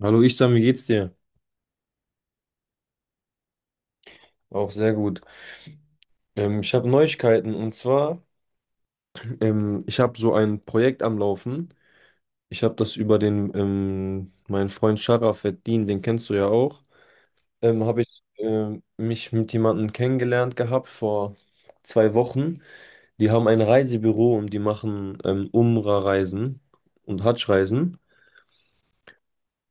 Hallo Isam, wie geht's dir? Auch sehr gut. Ich habe Neuigkeiten und zwar, ich habe so ein Projekt am Laufen. Ich habe das über meinen Freund Sharafettin, den kennst du ja auch, habe ich mich mit jemandem kennengelernt gehabt vor zwei Wochen. Die haben ein Reisebüro und die machen Umra-Reisen und Hadsch-Reisen.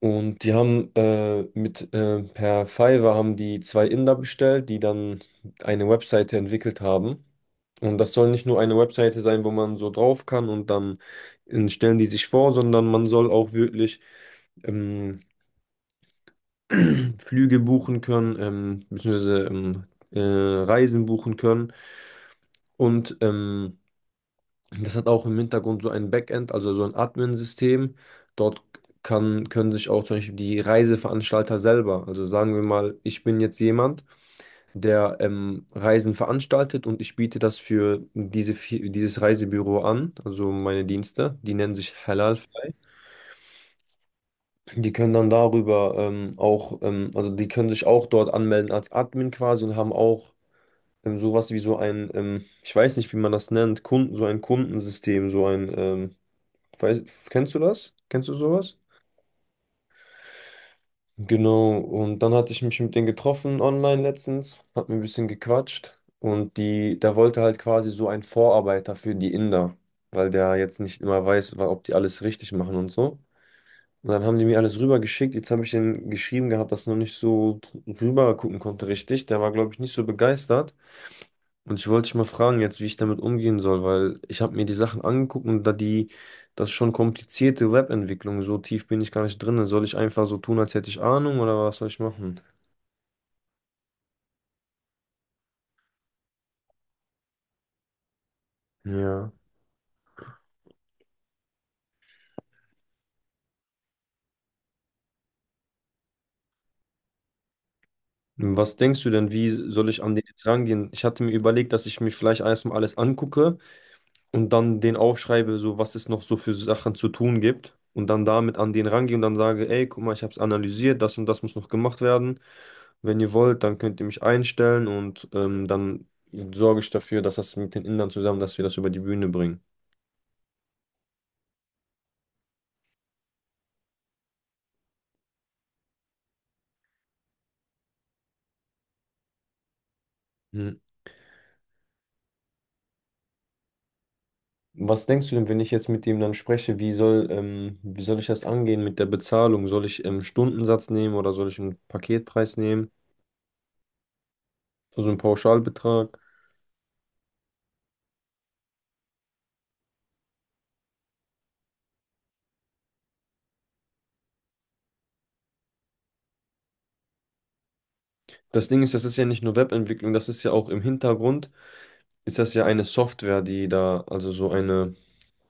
Und die haben mit per Fiverr haben die zwei Inder bestellt, die dann eine Webseite entwickelt haben. Und das soll nicht nur eine Webseite sein, wo man so drauf kann und dann stellen die sich vor, sondern man soll auch wirklich ähm, Flüge buchen können, beziehungsweise Reisen buchen können. Und das hat auch im Hintergrund so ein Backend, also so ein Admin-System. Dort können sich auch zum Beispiel die Reiseveranstalter selber, also sagen wir mal, ich bin jetzt jemand, der Reisen veranstaltet und ich biete das für dieses Reisebüro an, also meine Dienste, die nennen sich Halal. Die können dann darüber auch also die können sich auch dort anmelden als Admin quasi und haben auch sowas wie so ein, ich weiß nicht, wie man das nennt, Kunden, so ein Kundensystem, so ein weil, kennst du das? Kennst du sowas? Genau, und dann hatte ich mich mit denen getroffen online letztens, hat mir ein bisschen gequatscht und der wollte halt quasi so ein Vorarbeiter für die Inder, weil der jetzt nicht immer weiß, ob die alles richtig machen und so. Und dann haben die mir alles rübergeschickt, jetzt habe ich denen geschrieben gehabt, dass er noch nicht so drüber gucken konnte richtig, der war glaube ich nicht so begeistert. Und ich wollte dich mal fragen jetzt, wie ich damit umgehen soll, weil ich habe mir die Sachen angeguckt und das ist schon komplizierte Webentwicklung, so tief bin ich gar nicht drin. Soll ich einfach so tun, als hätte ich Ahnung oder was soll ich machen? Ja. Was denkst du denn, wie soll ich an den jetzt rangehen? Ich hatte mir überlegt, dass ich mir vielleicht erstmal alles angucke und dann den aufschreibe, so was es noch so für Sachen zu tun gibt und dann damit an den rangehe und dann sage, ey, guck mal, ich habe es analysiert, das und das muss noch gemacht werden. Wenn ihr wollt, dann könnt ihr mich einstellen und dann sorge ich dafür, dass das mit den Indern zusammen, dass wir das über die Bühne bringen. Hm. Was denkst du denn, wenn ich jetzt mit ihm dann spreche, wie soll ich das angehen mit der Bezahlung? Soll ich Stundensatz nehmen oder soll ich einen Paketpreis nehmen? Also einen Pauschalbetrag? Das Ding ist, das ist ja nicht nur Webentwicklung, das ist ja auch im Hintergrund, ist das ja eine Software, die da, also so eine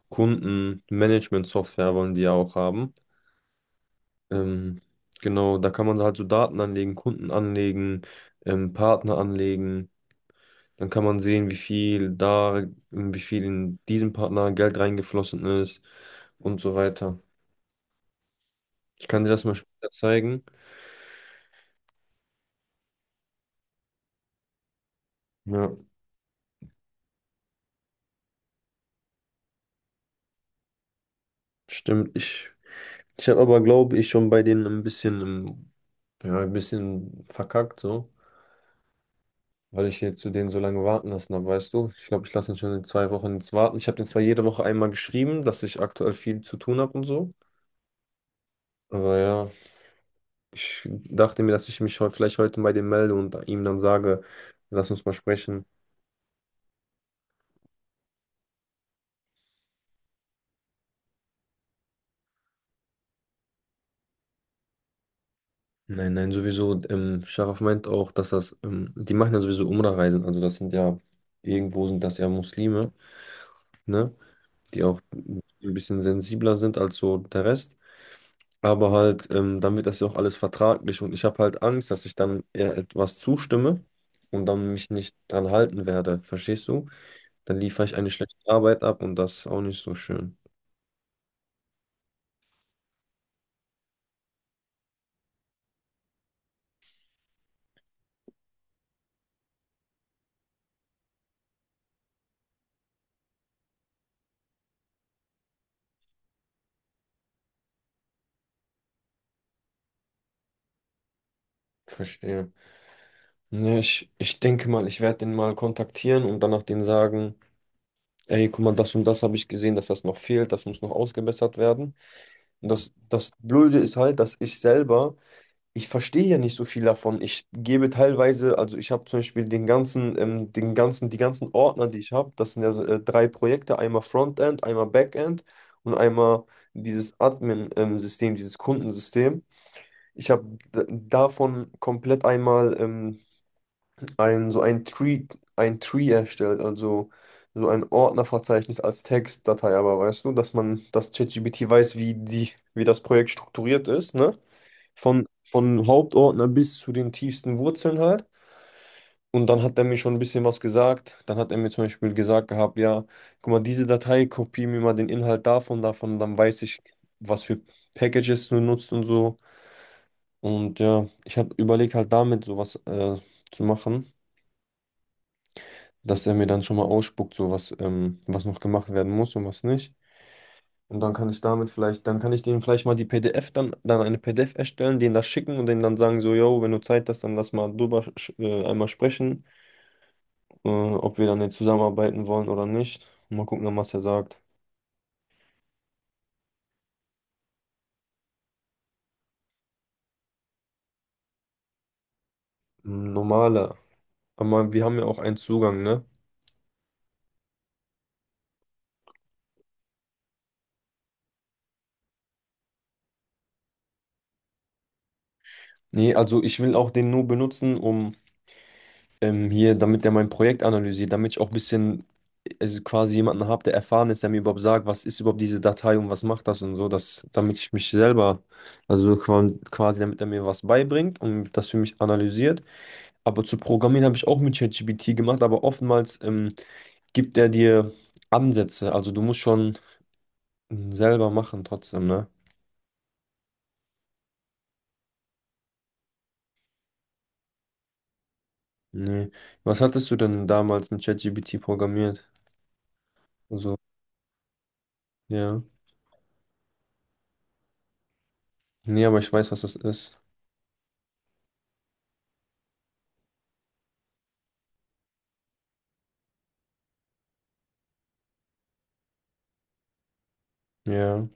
Kundenmanagement-Software wollen die ja auch haben. Ähm, genau, da kann man halt so Daten anlegen, Kunden anlegen, Partner anlegen. Dann kann man sehen, wie viel in diesen Partner Geld reingeflossen ist und so weiter. Ich kann dir das mal später zeigen. Ja, stimmt. Ich habe aber, glaube ich, schon bei denen ein bisschen, ja, ein bisschen verkackt, so. Weil ich jetzt zu denen so lange warten lassen habe, weißt du? Ich glaube, ich lasse ihn schon in zwei Wochen jetzt warten. Ich habe den zwar jede Woche einmal geschrieben, dass ich aktuell viel zu tun habe und so. Aber ja. Ich dachte mir, dass ich mich vielleicht heute bei dem melde und ihm dann sage, lass uns mal sprechen. Nein, nein, sowieso. Scharaf meint auch, dass die machen ja sowieso Umrah-Reisen. Also das sind ja, irgendwo sind das ja Muslime, ne? Die auch ein bisschen sensibler sind als so der Rest. Aber halt, dann wird das ja auch alles vertraglich und ich habe halt Angst, dass ich dann eher etwas zustimme und dann mich nicht dran halten werde. Verstehst du? Dann liefere ich eine schlechte Arbeit ab und das ist auch nicht so schön. Verstehe. Ne, ich denke mal, ich werde den mal kontaktieren und danach denen sagen, ey, guck mal, das und das habe ich gesehen, dass das noch fehlt, das muss noch ausgebessert werden. Und das Blöde ist halt, dass ich selber, ich verstehe ja nicht so viel davon. Ich gebe teilweise, also ich habe zum Beispiel die ganzen Ordner, die ich habe, das sind ja so, drei Projekte, einmal Frontend, einmal Backend und einmal dieses Admin-System, dieses Kundensystem. Ich habe davon komplett einmal so ein Tree erstellt, also so ein Ordnerverzeichnis als Textdatei, aber weißt du, dass ChatGPT weiß, wie das Projekt strukturiert ist, ne? Von, von Hauptordner bis zu den tiefsten Wurzeln halt. Und dann hat er mir schon ein bisschen was gesagt. Dann hat er mir zum Beispiel gesagt gehabt, ja, guck mal, diese Datei, kopier mir mal den Inhalt davon, dann weiß ich, was für Packages du nutzt und so. Und ja, ich habe überlegt halt damit sowas zu machen, dass er mir dann schon mal ausspuckt, so was, was noch gemacht werden muss und was nicht. Und dann kann ich damit vielleicht, dann kann ich denen vielleicht mal die PDF dann, dann eine PDF erstellen, denen das schicken und denen dann sagen, so, yo, wenn du Zeit hast, dann lass mal drüber einmal sprechen, ob wir dann jetzt zusammenarbeiten wollen oder nicht. Mal gucken, dann, was er sagt. Normaler. Aber wir haben ja auch einen Zugang, ne? Nee, also ich will auch den nur benutzen, um damit er mein Projekt analysiert, damit ich auch ein bisschen, also quasi jemanden habe, der erfahren ist, der mir überhaupt sagt, was ist überhaupt diese Datei und was macht das und so, damit ich mich selber, also quasi, damit er mir was beibringt und das für mich analysiert. Aber zu Programmieren habe ich auch mit ChatGPT gemacht, aber oftmals gibt er dir Ansätze, also du musst schon selber machen trotzdem, ne? Nee. Was hattest du denn damals mit ChatGPT programmiert? Also, ja. Nee, aber ich weiß, was das ist. Ja.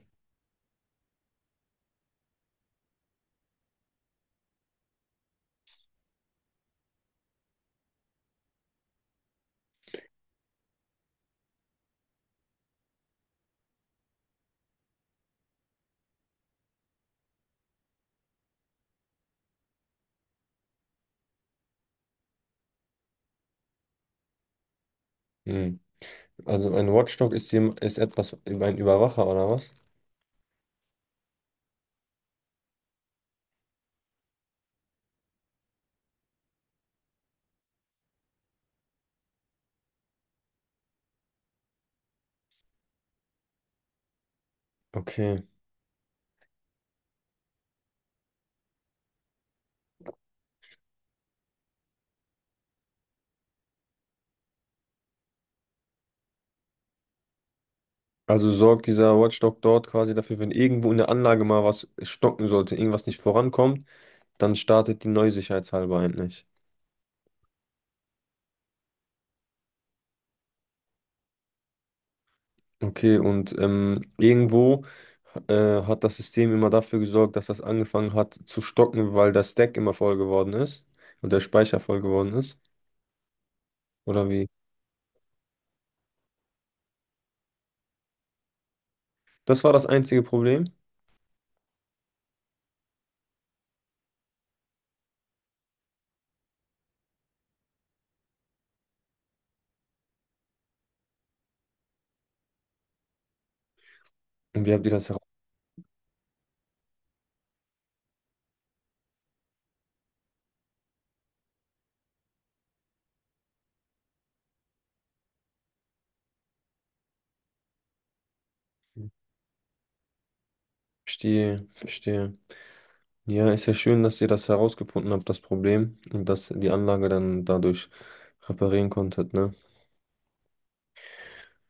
Hm. Also ein Watchdog ist, ist etwas, ein Überwacher oder was? Okay. Also sorgt dieser Watchdog dort quasi dafür, wenn irgendwo in der Anlage mal was stocken sollte, irgendwas nicht vorankommt, dann startet die neu sicherheitshalber endlich. Okay, und irgendwo hat das System immer dafür gesorgt, dass das angefangen hat zu stocken, weil der Stack immer voll geworden ist und der Speicher voll geworden ist. Oder wie? Das war das einzige Problem. Und wie habt ihr das... Verstehe, verstehe. Ja, ist ja schön, dass ihr das herausgefunden habt, das Problem, und dass die Anlage dann dadurch reparieren konntet, ne?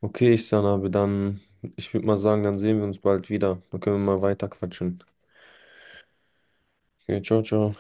Okay, ich Sanabe, dann, ich würde mal sagen, dann sehen wir uns bald wieder. Dann können wir mal weiter quatschen. Okay, ciao, ciao.